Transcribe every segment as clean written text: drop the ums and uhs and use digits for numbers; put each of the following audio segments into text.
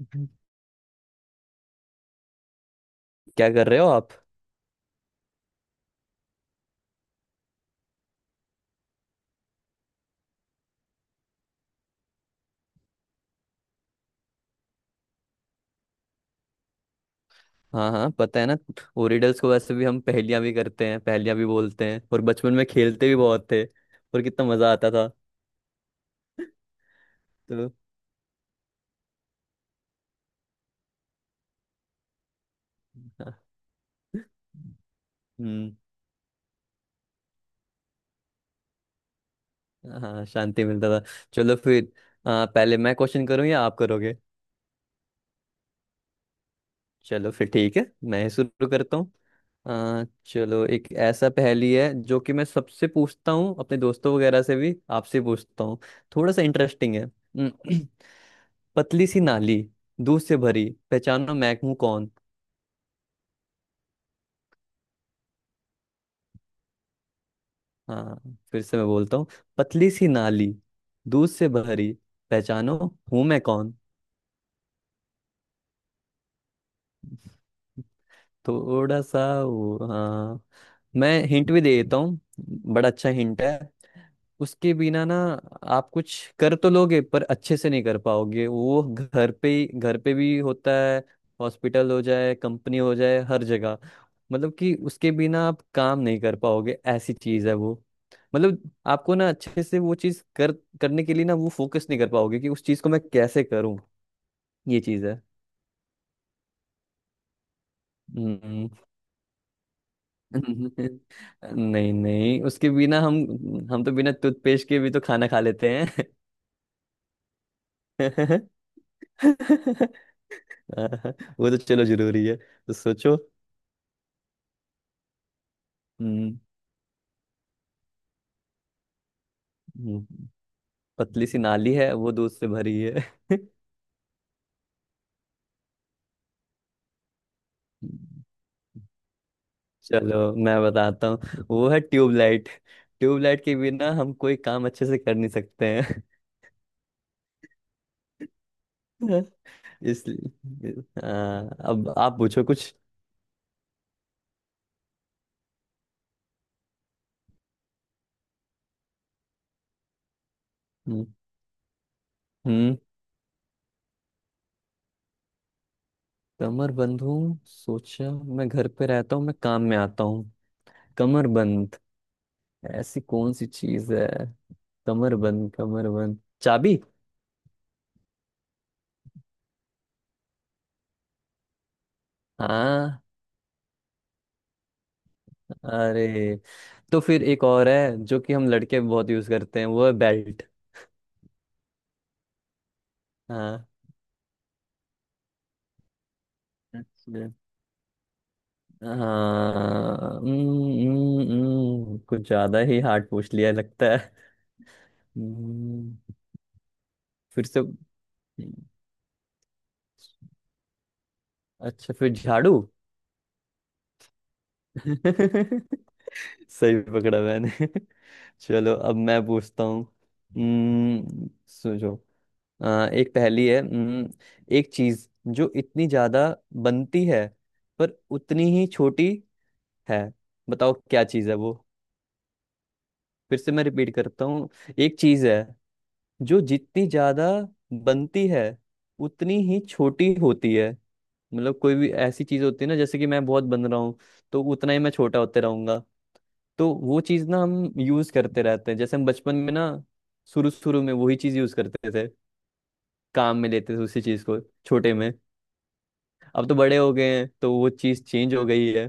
हम्म। क्या कर रहे हो आप? हाँ हाँ, पता है ना। ओरिडल्स को वैसे भी हम पहेलियां भी करते हैं, पहेलियां भी बोलते हैं, और बचपन में खेलते भी बहुत थे और कितना मजा आता था। तो हाँ, हम्म। हाँ, शांति मिलता था। चलो फिर। पहले मैं क्वेश्चन करूँ या आप करोगे? चलो फिर ठीक है। मैं ही शुरू करता हूँ। चलो, एक ऐसा पहेली है जो कि मैं सबसे पूछता हूँ, अपने दोस्तों वगैरह से भी आपसे पूछता हूँ। थोड़ा सा इंटरेस्टिंग है। पतली सी नाली, दूध से भरी, पहचानो मैं हूं कौन। हाँ, फिर से मैं बोलता हूँ। पतली सी नाली, दूध से भरी, पहचानो हूं मैं कौन। थोड़ा सा वो, हाँ, मैं हिंट भी दे देता हूँ। बड़ा अच्छा हिंट है। उसके बिना ना आप कुछ कर तो लोगे पर अच्छे से नहीं कर पाओगे। वो घर पे ही, घर पे भी होता है। हॉस्पिटल हो जाए, कंपनी हो जाए, हर जगह। मतलब कि उसके बिना आप काम नहीं कर पाओगे, ऐसी चीज है वो। मतलब आपको ना अच्छे से वो चीज कर करने के लिए ना वो फोकस नहीं कर पाओगे कि उस चीज को मैं कैसे करूं। ये चीज है। हम्म। नहीं नहीं, उसके बिना हम तो बिना टूथपेस्ट के भी तो खाना खा लेते हैं। हाँ, वो तो चलो जरूरी है तो सोचो। हम्म। हम्म, पतली सी नाली है वो, दूध से भरी है। हम्म, चलो मैं बताता हूँ वो है ट्यूबलाइट। ट्यूबलाइट के बिना हम कोई काम अच्छे से कर नहीं सकते हैं। इसलिए। हाँ, अब आप पूछो कुछ। हम्म। हम्म, कमर बंद हूँ, सोचा, मैं घर पे रहता हूँ, मैं काम में आता हूँ। कमर बंद ऐसी कौन सी चीज है? कमर बंद, कमर बंद, चाबी। हाँ। अरे, तो फिर एक और है जो कि हम लड़के बहुत यूज करते हैं, वो है बेल्ट। हाँ। अच्छा। हाँ, कुछ ज्यादा ही हार्ड पूछ लिया लगता है। हम्म, फिर से। अच्छा, फिर झाड़ू। सही पकड़ा मैंने। चलो, अब मैं पूछता हूँ। सोचो। एक पहेली है। एक चीज जो इतनी ज्यादा बनती है पर उतनी ही छोटी है। बताओ क्या चीज़ है वो। फिर से मैं रिपीट करता हूँ। एक चीज़ है जो जितनी ज़्यादा बनती है उतनी ही छोटी होती है। मतलब कोई भी ऐसी चीज़ होती है ना जैसे कि मैं बहुत बन रहा हूँ तो उतना ही मैं छोटा होते रहूंगा। तो वो चीज़ ना हम यूज़ करते रहते हैं, जैसे हम बचपन में ना शुरू शुरू में वही चीज़ यूज़ करते थे, काम में लेते थे उसी चीज़ को, छोटे में। अब तो बड़े हो गए हैं तो वो चीज़ चेंज हो गई है।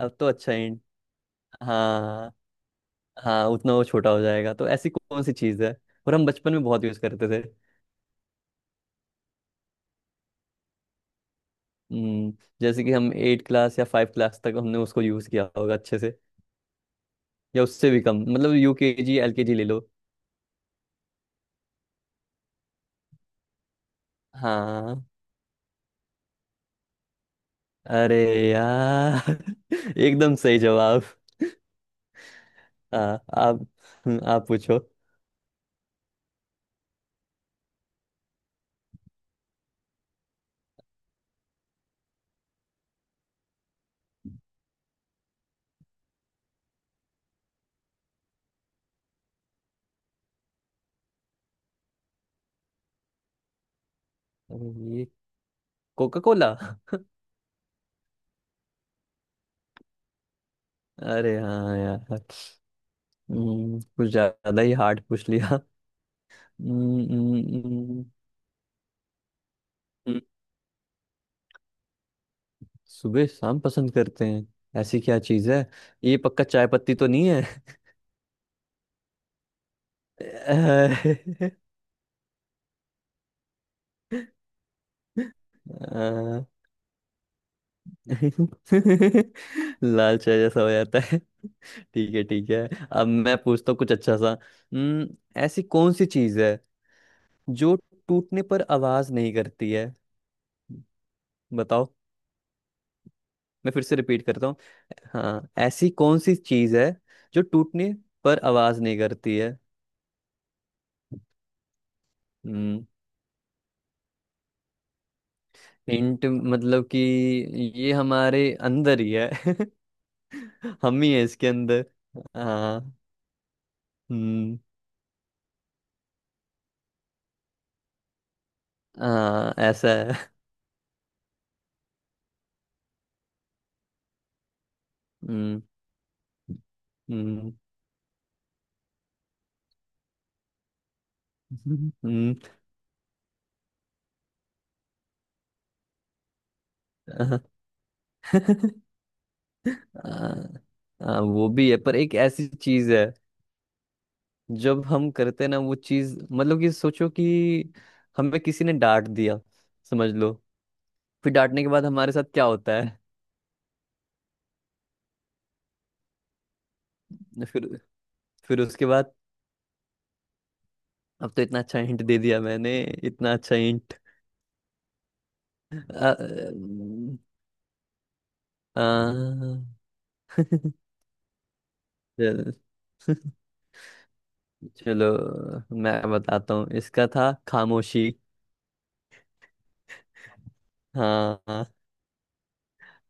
अब तो अच्छा है। हाँ। हाँ, उतना वो छोटा हो जाएगा, तो ऐसी कौन सी चीज़ है और हम बचपन में बहुत यूज़ करते थे। हम्म, जैसे कि हम एट क्लास या फाइव क्लास तक हमने उसको यूज़ किया होगा अच्छे से, या उससे भी कम, मतलब U K G L K G ले लो। हाँ। अरे यार, एकदम सही जवाब। हाँ, आप। आप पूछो। ये कोका कोला। अरे हाँ यार, कुछ ज़्यादा ही हार्ड पूछ लिया। हम्म, हम्म, हम्म। सुबह शाम पसंद करते हैं, ऐसी क्या चीज है? ये पक्का चाय पत्ती तो नहीं है? अ, अ- लाल चाय जैसा हो जाता है। ठीक है, ठीक है, अब मैं पूछता हूँ कुछ अच्छा सा। हम्म, ऐसी कौन सी चीज है जो टूटने पर आवाज नहीं करती है? बताओ। मैं फिर से रिपीट करता हूँ। हाँ, ऐसी कौन सी चीज है जो टूटने पर आवाज नहीं करती है? हिंट मतलब कि ये हमारे अंदर ही है। हम ही है इसके अंदर। हाँ। हम्म। हाँ, ऐसा है। हम्म। हम्म। हम्म। हाँ, हाँ, वो भी है पर एक ऐसी चीज है जब हम करते हैं ना वो चीज, मतलब कि सोचो कि हमें किसी ने डांट दिया, समझ लो। फिर डांटने के बाद हमारे साथ क्या होता है? फिर फिर उसके बाद अब तो इतना अच्छा हिंट दे दिया मैंने, इतना अच्छा हिंट। अ, अ, चल- चलो, मैं बताता हूँ, इसका था खामोशी। हाँ हाँ,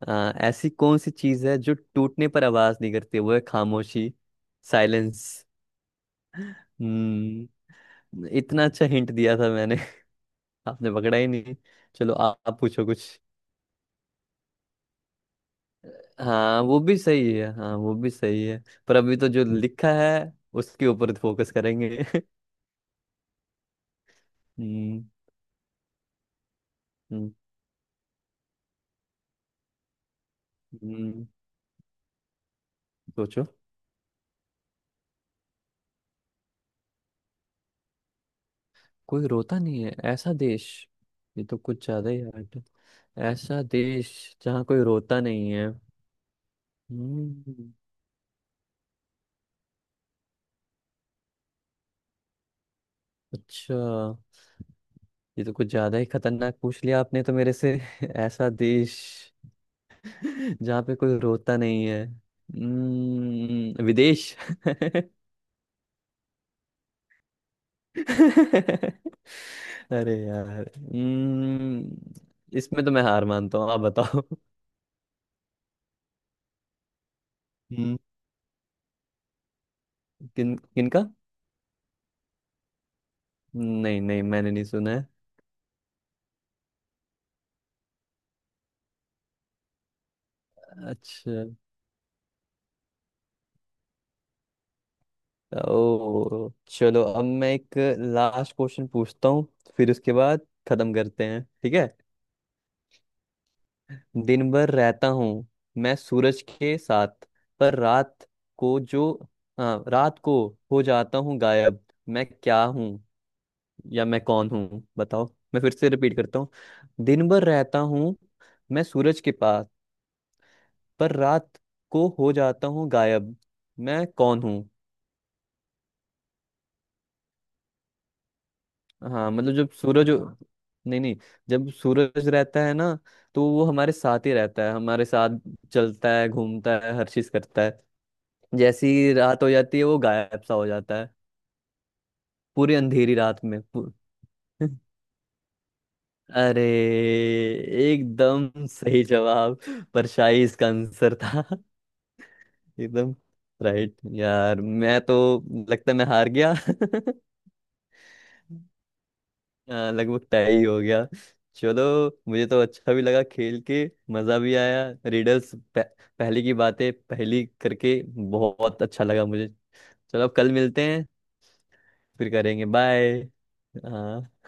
हाँ, ऐसी कौन सी चीज है जो टूटने पर आवाज नहीं करती, वो है खामोशी। साइलेंस। हम्म। इतना अच्छा हिंट दिया था मैंने। आपने पकड़ा ही नहीं। चलो, आप पूछो कुछ। हाँ, वो भी सही है, हाँ वो भी सही है, पर अभी तो जो लिखा है उसके ऊपर फोकस करेंगे। हम्म। हम्म। हम्म, सोचो। कोई रोता नहीं है, ऐसा देश? ये तो कुछ ज्यादा ही hard है। ऐसा देश जहाँ कोई रोता नहीं है। हम्म। अच्छा। ये तो कुछ ज्यादा ही खतरनाक पूछ लिया आपने तो मेरे से। ऐसा देश जहाँ पे कोई रोता नहीं है। विदेश? अरे यार, इसमें तो मैं हार मानता हूँ, आप बताओ। हम्म। किन किनका? नहीं नहीं, मैंने नहीं सुना है। अच्छा। ओ चलो, अब मैं एक लास्ट क्वेश्चन पूछता हूँ, फिर उसके बाद खत्म करते हैं, ठीक है। दिन भर रहता हूँ मैं सूरज के साथ, पर रात को जो, हाँ, रात को हो जाता हूँ गायब। मैं क्या हूँ, या मैं कौन हूँ, बताओ। मैं फिर से रिपीट करता हूँ। दिन भर रहता हूँ मैं सूरज के पास, पर रात को हो जाता हूँ गायब। मैं कौन हूँ? हाँ, मतलब जब सूरज, नहीं नहीं, जब सूरज रहता है ना तो वो हमारे साथ ही रहता है, हमारे साथ चलता है, घूमता है, हर चीज करता है। जैसी ही रात हो जाती है वो गायब सा हो जाता है। पूरी अंधेरी रात में पू-। अरे, एकदम सही जवाब। परछाई इसका आंसर था। एकदम राइट यार, मैं तो, लगता है, मैं हार गया। हाँ, लगभग तय ही हो गया। चलो, मुझे तो अच्छा भी लगा खेल के, मज़ा भी आया रिडल्स पहले की बातें पहली करके बहुत अच्छा लगा मुझे। चलो, अब कल मिलते हैं। फिर करेंगे बाय। हाँ।